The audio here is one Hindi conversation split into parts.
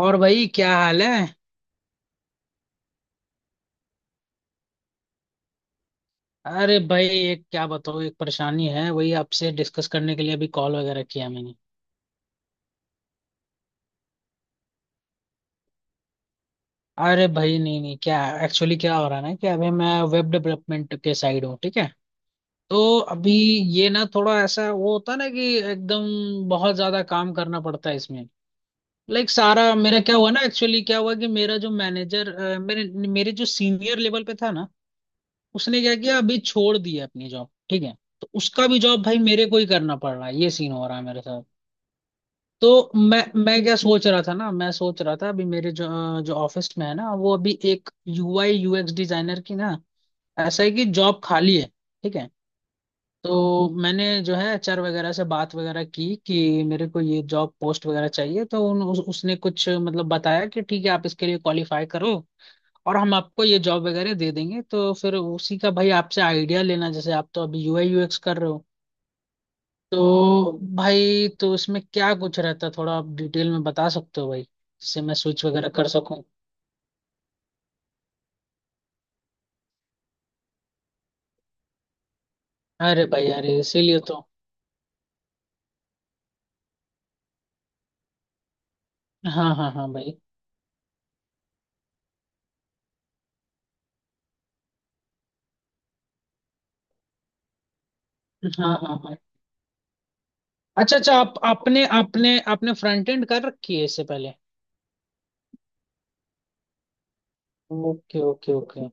और भाई क्या हाल है। अरे भाई एक क्या बताओ, एक परेशानी है, वही आपसे डिस्कस करने के लिए अभी कॉल वगैरह किया मैंने। अरे भाई नहीं नहीं, क्या एक्चुअली क्या हो रहा है ना कि अभी मैं वेब डेवलपमेंट के साइड हूँ, ठीक है। तो अभी ये ना थोड़ा ऐसा वो होता है ना कि एकदम बहुत ज्यादा काम करना पड़ता है इसमें। लाइक सारा मेरा क्या हुआ ना, एक्चुअली क्या हुआ कि मेरा जो मैनेजर मेरे मेरे जो सीनियर लेवल पे था ना, उसने क्या किया अभी छोड़ दी है अपनी जॉब, ठीक है। तो उसका भी जॉब भाई मेरे को ही करना पड़ रहा है, ये सीन हो रहा है मेरे साथ। तो मैं क्या सोच रहा था ना, मैं सोच रहा था अभी मेरे जो जो ऑफिस में है ना वो अभी एक यूआई यूएक्स डिजाइनर की ना ऐसा है कि जॉब खाली है, ठीक है। तो मैंने जो है एचआर वगैरह से बात वगैरह की कि मेरे को ये जॉब पोस्ट वगैरह चाहिए, तो उसने कुछ मतलब बताया कि ठीक है आप इसके लिए क्वालिफाई करो और हम आपको ये जॉब वगैरह दे देंगे। तो फिर उसी का भाई आपसे आइडिया लेना, जैसे आप तो अभी यूआई यूएक्स कर रहे हो। तो भाई तो उसमें क्या कुछ रहता है, थोड़ा आप डिटेल में बता सकते हो भाई, जिससे मैं स्विच वगैरह कर सकूं। अरे भाई अरे, इसीलिए तो। हाँ हाँ हाँ भाई। हाँ हाँ हाँ। अच्छा अच्छा, आप आपने आपने आपने फ्रंट एंड कर रखी है इससे पहले। Okay okay okay.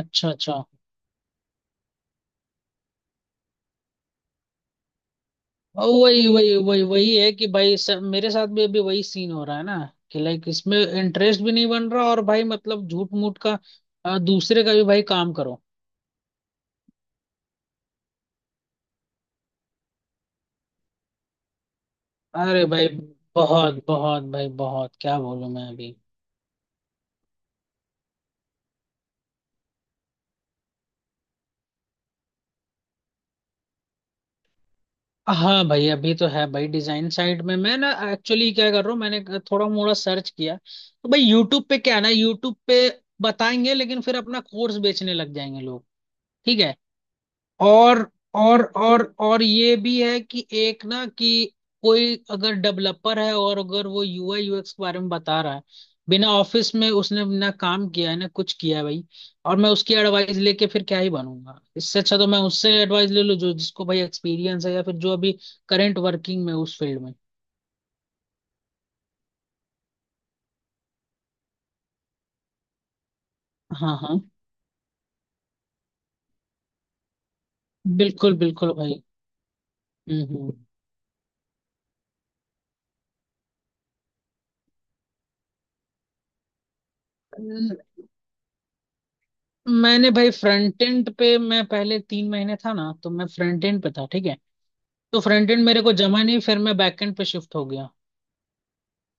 अच्छा अच्छा। और वही वही वही वही है कि भाई सब मेरे साथ भी अभी वही सीन हो रहा है ना कि लाइक इसमें इंटरेस्ट भी नहीं बन रहा, और भाई मतलब झूठ मूठ का दूसरे का भी भाई काम करो। अरे भाई। बहुत बहुत भाई बहुत, क्या बोलूं मैं अभी। हाँ भाई अभी तो है भाई डिजाइन साइड में, मैं ना एक्चुअली क्या कर रहा हूँ, मैंने थोड़ा मोड़ा सर्च किया तो भाई यूट्यूब पे क्या है ना, यूट्यूब पे बताएंगे लेकिन फिर अपना कोर्स बेचने लग जाएंगे लोग। ठीक है। और और ये भी है कि एक ना कि कोई अगर डेवलपर है और अगर वो यूआई यूएक्स के बारे में बता रहा है बिना ऑफिस में, उसने ना काम किया है ना कुछ किया है भाई, और मैं उसकी एडवाइस लेके फिर क्या ही बनूंगा, इससे अच्छा तो मैं उससे एडवाइस ले लूँ जो जिसको भाई एक्सपीरियंस है या फिर जो अभी करंट वर्किंग में है उस फील्ड में। हाँ हाँ बिल्कुल बिल्कुल भाई। हम्म हम्म। मैंने भाई फ्रंट एंड पे मैं पहले 3 महीने था ना, तो मैं फ्रंट एंड पे था, ठीक है। तो फ्रंट एंड मेरे को जमा नहीं, फिर मैं बैक एंड पे शिफ्ट हो गया।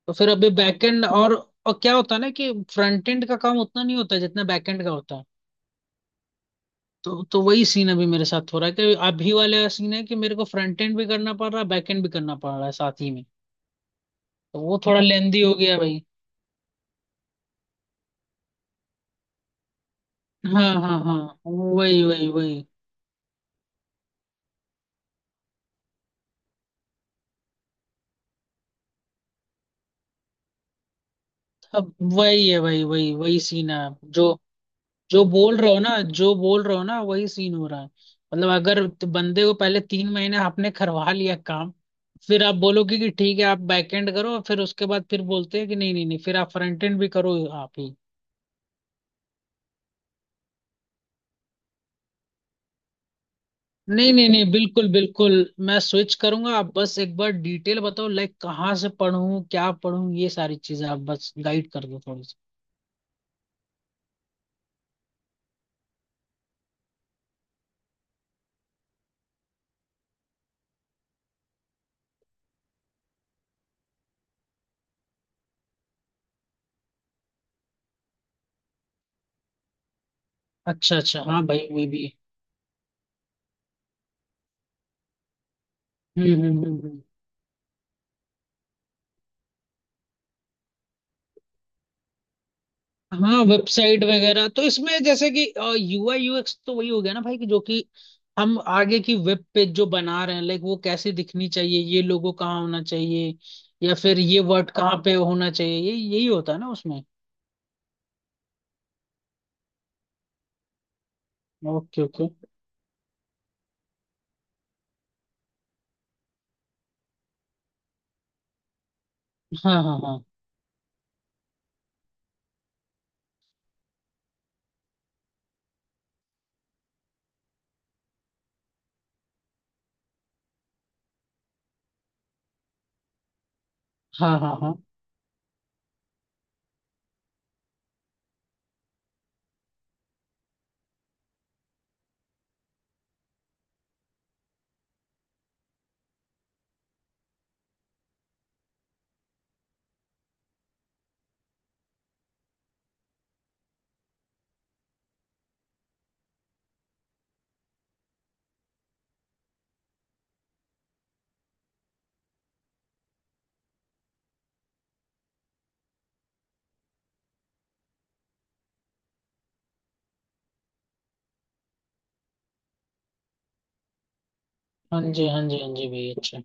तो फिर अभी बैक एंड, और क्या होता है ना कि फ्रंट एंड का काम उतना नहीं होता जितना बैक एंड का होता है। तो वही सीन अभी मेरे साथ हो रहा है कि अभी वाला सीन है कि मेरे को फ्रंट एंड भी करना पड़ रहा है बैक एंड भी करना पड़ रहा है साथ ही में। तो वो थोड़ा लेंदी हो गया भाई। हाँ हाँ हाँ, वही वही वही। अब वही है, वही वही वही सीन है। जो जो बोल रहे हो ना, जो बोल रहे हो ना वही सीन हो रहा है। मतलब अगर बंदे को पहले 3 महीने आपने करवा लिया काम, फिर आप बोलोगे कि ठीक है आप बैक एंड करो, और फिर उसके बाद फिर बोलते हैं कि नहीं नहीं नहीं फिर आप फ्रंट एंड भी करो, आप ही। नहीं नहीं नहीं बिल्कुल बिल्कुल। मैं स्विच करूंगा, आप बस एक बार डिटेल बताओ, लाइक कहाँ से पढूं क्या पढूं, ये सारी चीजें आप बस गाइड कर दो थोड़ी सी। अच्छा अच्छा, हाँ भाई वो भी है। हम्म हम्म हम्म हम्म। हाँ वेबसाइट वगैरह तो इसमें जैसे कि यूआई यूएक्स तो वही हो गया ना भाई कि जो कि हम आगे की वेब पेज जो बना रहे हैं, लाइक वो कैसी दिखनी चाहिए, ये लोगो कहाँ होना चाहिए, या फिर ये वर्ड कहाँ पे होना चाहिए, ये यही होता है ना उसमें। Okay okay. हाँ हाँ हाँ हाँ हाँ हाँ, हाँ जी हाँ जी हाँ जी भाई, अच्छा।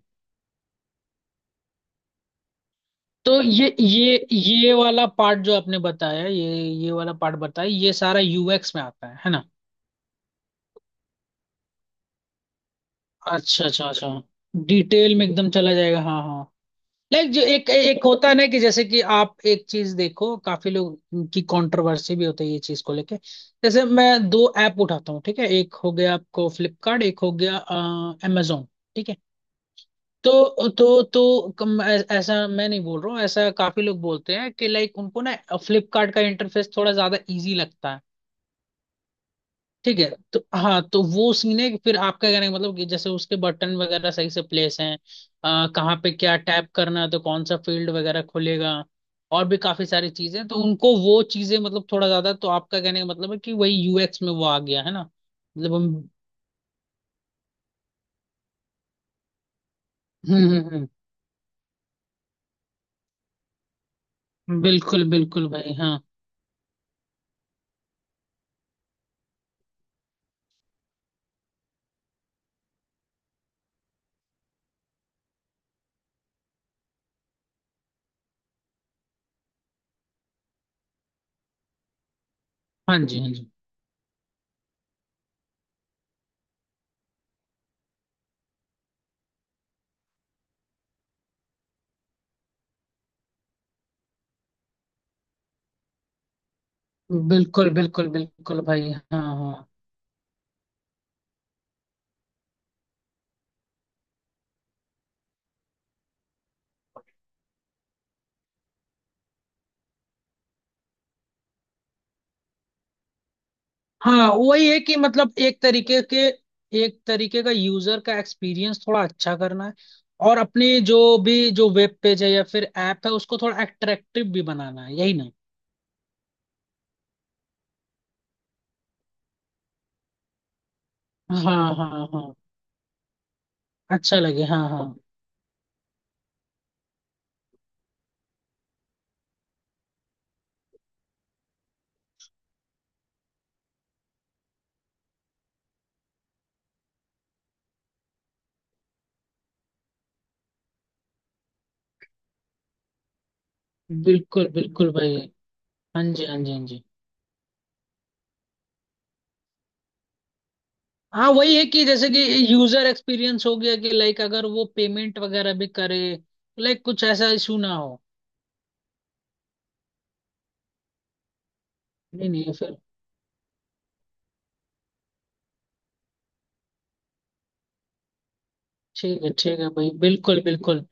तो ये वाला पार्ट जो आपने बताया, ये वाला पार्ट बताया, ये सारा यूएक्स में आता है ना। अच्छा अच्छा अच्छा। डिटेल में एकदम चला जाएगा, हाँ हाँ। लाइक जो एक एक होता है ना कि जैसे कि आप एक चीज देखो, काफी लोग की कंट्रोवर्सी भी होती है ये चीज को लेके। जैसे मैं दो ऐप उठाता हूँ, ठीक है, एक हो गया आपको फ्लिपकार्ट, एक हो गया अमेजोन, ठीक है। तो ऐसा मैं नहीं बोल रहा हूँ, ऐसा काफी लोग बोलते हैं कि लाइक उनको ना फ्लिपकार्ट का इंटरफेस थोड़ा ज्यादा इजी लगता है, ठीक है। तो हाँ, तो वो सीन है कि फिर आपका कहने का मतलब कि जैसे उसके बटन वगैरह सही से प्लेस हैं, कहाँ पे क्या टैप करना है, तो कौन सा फील्ड वगैरह खुलेगा और भी काफी सारी चीजें, तो उनको वो चीजें मतलब थोड़ा ज्यादा, तो आपका कहने का मतलब है कि वही यूएक्स में वो आ गया है ना। मतलब हम। हम्म हम्म बिल्कुल बिल्कुल भाई हाँ। हाँ जी हाँ जी। बिल्कुल बिल्कुल बिल्कुल भाई हाँ हाँ। हाँ वही है कि मतलब एक तरीके के, एक तरीके का यूजर का एक्सपीरियंस थोड़ा अच्छा करना है, और अपनी जो भी जो वेब पेज है या फिर ऐप है उसको थोड़ा अट्रैक्टिव भी बनाना है, यही ना। हाँ हाँ हाँ। अच्छा लगे हाँ हाँ। बिल्कुल बिल्कुल भाई। हाँ जी हाँ जी हाँ जी। हाँ वही है कि जैसे कि यूजर एक्सपीरियंस हो गया कि लाइक अगर वो पेमेंट वगैरह भी करे, लाइक कुछ ऐसा इशू ना हो। नहीं नहीं फिर। ठीक है भाई, बिल्कुल बिल्कुल।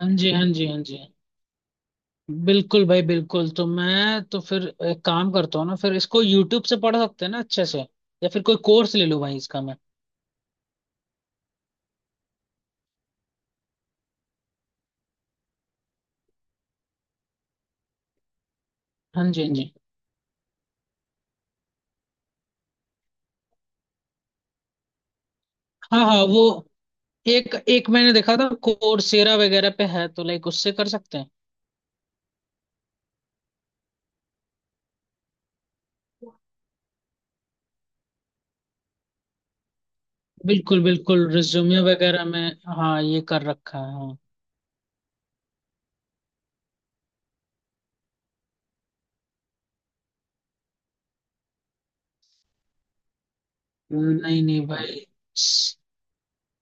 हाँ जी हाँ जी हाँ जी। बिल्कुल भाई बिल्कुल। तो मैं तो फिर एक काम करता हूँ ना, फिर इसको यूट्यूब से पढ़ सकते हैं ना अच्छे से, या फिर कोई कोर्स ले लूँ भाई इसका मैं। हाँ जी हाँ जी हाँ हाँ, वो एक एक मैंने देखा था कोर्सेरा वगैरह पे है, तो लाइक उससे कर सकते हैं। बिल्कुल बिल्कुल, रिज्यूमे वगैरह में। हाँ ये कर रखा है हाँ। नहीं नहीं भाई,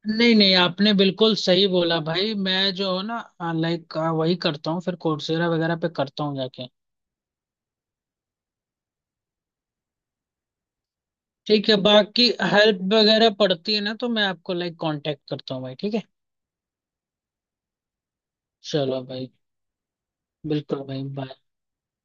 नहीं नहीं आपने बिल्कुल सही बोला भाई, मैं जो हूँ ना, हाँ, लाइक हाँ, वही करता हूँ फिर कोर्सेरा वगैरह पे करता हूँ जाके। ठीक है, बाकी हेल्प वगैरह पड़ती है ना, तो मैं आपको लाइक कांटेक्ट करता हूँ भाई, ठीक है। चलो भाई। बिल्कुल भाई, बाय।